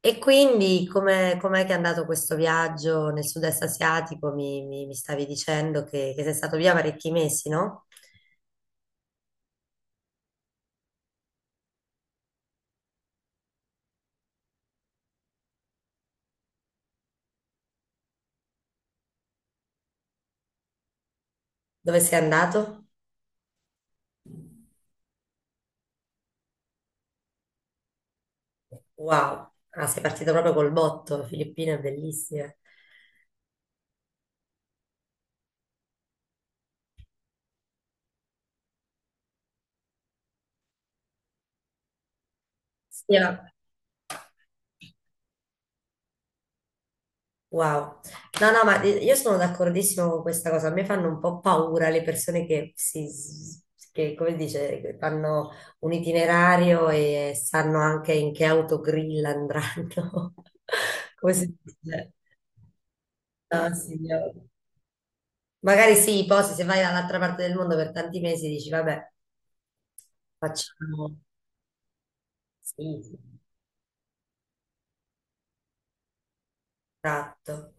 E quindi com'è che è andato questo viaggio nel sud-est asiatico? Mi stavi dicendo che sei stato via parecchi mesi, no? Dove sei andato? Wow, ah, sei partito proprio col botto, Filippine, bellissime. Sì, wow. No, no, ma io sono d'accordissimo con questa cosa. A me fanno un po' paura le persone che, come si dice, che fanno un itinerario e sanno anche in che autogrill andranno. Come si dice? No, signora. Magari sì, poi se vai dall'altra parte del mondo per tanti mesi dici, vabbè, facciamo. Sì, sì, esatto.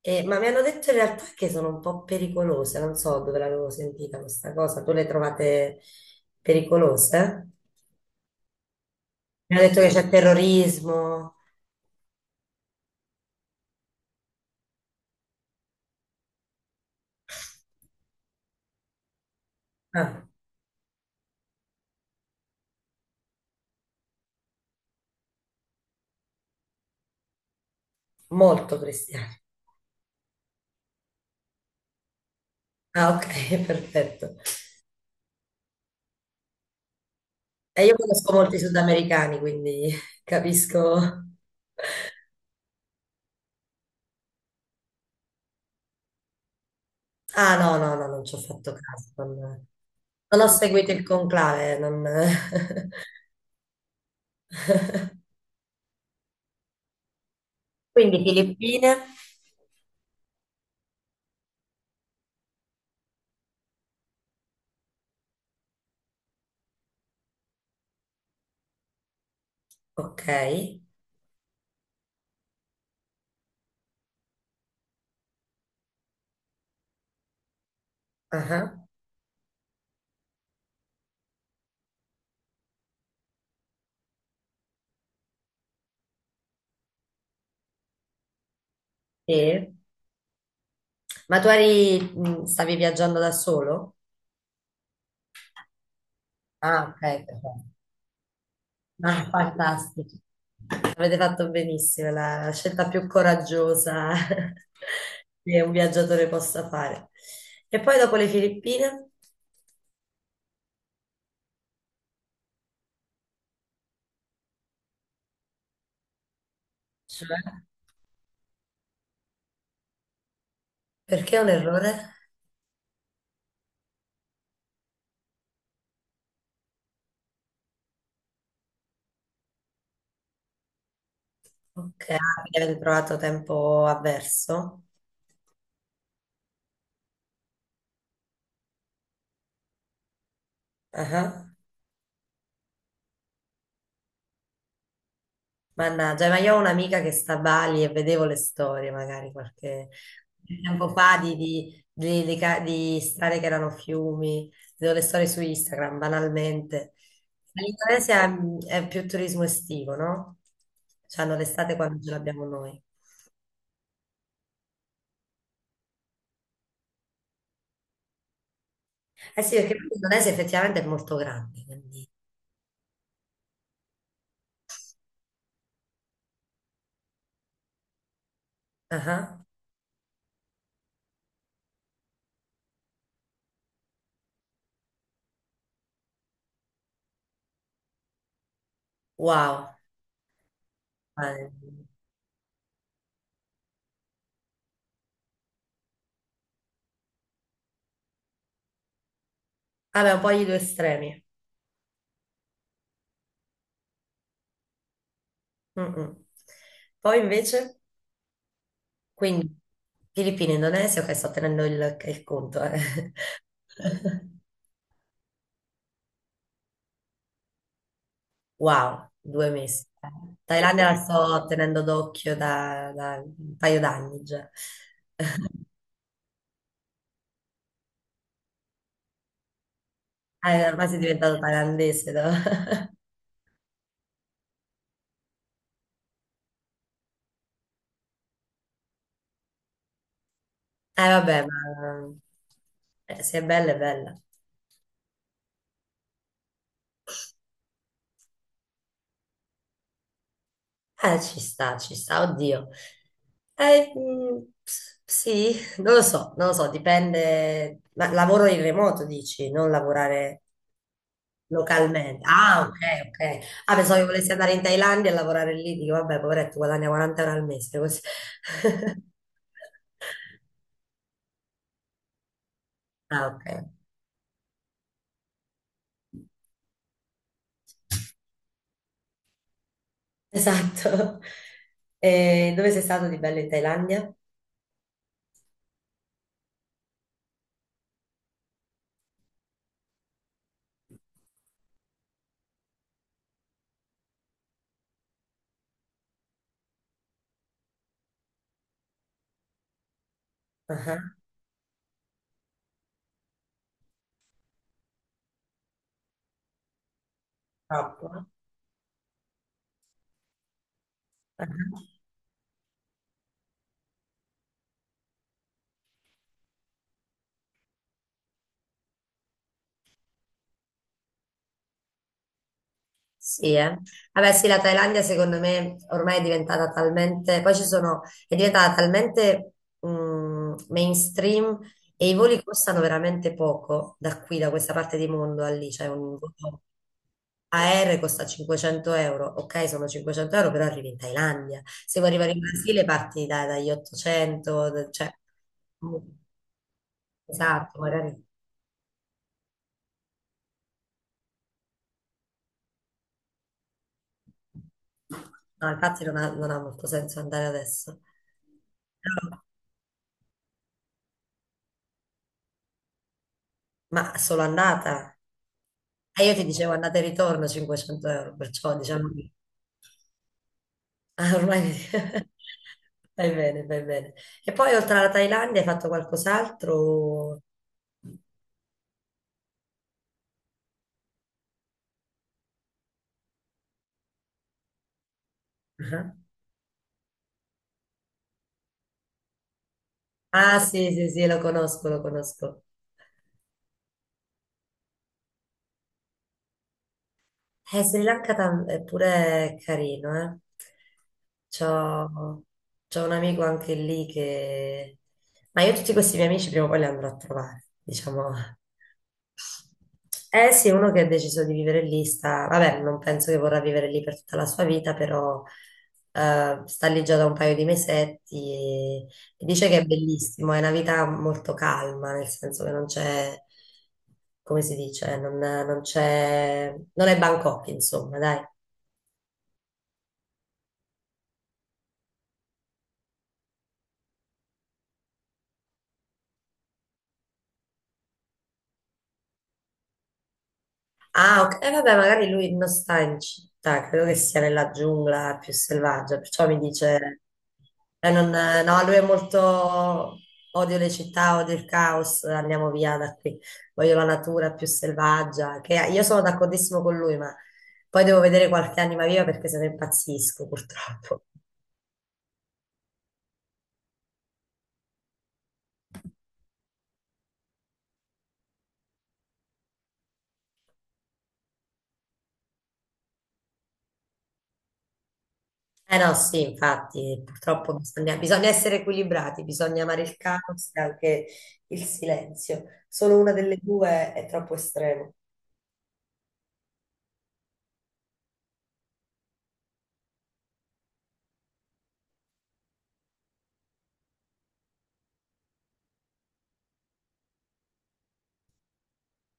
Ma mi hanno detto in realtà che sono un po' pericolose, non so dove l'avevo sentita questa cosa. Tu le trovate pericolose? Mi hanno detto che c'è terrorismo. Ah, molto cristiani. Ah, ok, perfetto. E io conosco molti sudamericani, quindi capisco. Ah, no, no, no, non ci ho fatto caso. Non ho seguito il conclave, non. Quindi Filippine, ok. Ah, sì. Ma tu eri, stavi viaggiando da solo? Ah, ok. Perfetto. Ah, fantastico. Avete fatto benissimo, la scelta più coraggiosa che un viaggiatore possa fare. E poi dopo le Filippine? Cioè? Perché è un errore? Ok, ah, perché avete trovato tempo avverso? Ah. Mannaggia, ma io ho un'amica che sta a Bali e vedevo le storie magari qualche tempo fa di strade che erano fiumi, vedevo le storie su Instagram banalmente. Ma l'Indonesia è più turismo estivo, no? Cioè hanno l'estate quando ce l'abbiamo noi. Eh sì, perché poi l'Indonesia effettivamente è molto grande, quindi. Ah, wow. Eh, vabbè, un po' gli due estremi. Mm, mm. Poi invece. Quindi Filippine, Indonesia, ok, sto tenendo il conto. Eh. Wow, 2 mesi. Thailandia la sto tenendo d'occhio da un paio d'anni già. Ormai sei diventato thailandese, no? Eh vabbè, ma se è bella è bella. Ci sta, oddio. Sì, non lo so, non lo so, dipende. Ma lavoro in remoto, dici, non lavorare. Localmente. Ah, ok, ok. Ah, pensavo che volessi andare in Thailandia e lavorare lì. Dico, vabbè, poveretto, guadagna 40 euro al mese, così. Ah, ok. Esatto. E dove sei stato di bello in Thailandia? Ah, troppo. Ah, sì, eh. Vabbè, sì, la Thailandia secondo me ormai è diventata talmente, poi ci sono, è diventata talmente mainstream e i voli costano veramente poco da qui, da questa parte di mondo a lì, cioè un volo. AR costa 500 euro, ok, sono 500 euro, però arrivi in Thailandia. Se vuoi arrivare in Brasile parti dagli 800, cioè, esatto, magari. No, infatti non ha molto senso andare adesso. Però- ma solo andata? E io ti dicevo andata e ritorno 500 euro, perciò diciamo che ormai fai bene, fai bene. E poi oltre alla Thailandia hai fatto qualcos'altro? Ah. Ah, sì, sì, sì, lo conosco, lo conosco. Sri Lanka è pure carino, eh. C'ho, c'ho un amico anche lì che. Ma io tutti questi miei amici prima o poi li andrò a trovare, diciamo. Eh sì, uno che ha deciso di vivere lì sta, vabbè, non penso che vorrà vivere lì per tutta la sua vita, però sta lì già da un paio di mesetti e dice che è bellissimo, è una vita molto calma, nel senso che non c'è, come si dice, non c'è, non è Bangkok, insomma, dai. Ah, ok. E vabbè, magari lui non sta in città, credo che sia nella giungla più selvaggia, perciò mi dice, no, lui è molto, odio le città, odio il caos, andiamo via da qui, voglio la natura più selvaggia, che io sono d'accordissimo con lui, ma poi devo vedere qualche anima viva perché se ne impazzisco, purtroppo. Eh no, sì, infatti, purtroppo bisogna essere equilibrati, bisogna amare il caos e anche il silenzio. Solo una delle due è troppo estremo.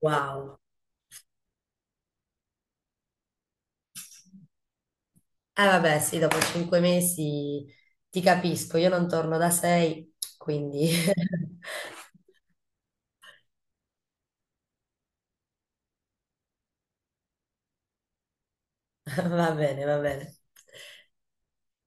Wow. Eh vabbè, sì, dopo 5 mesi ti capisco, io non torno da sei, quindi va bene, va bene.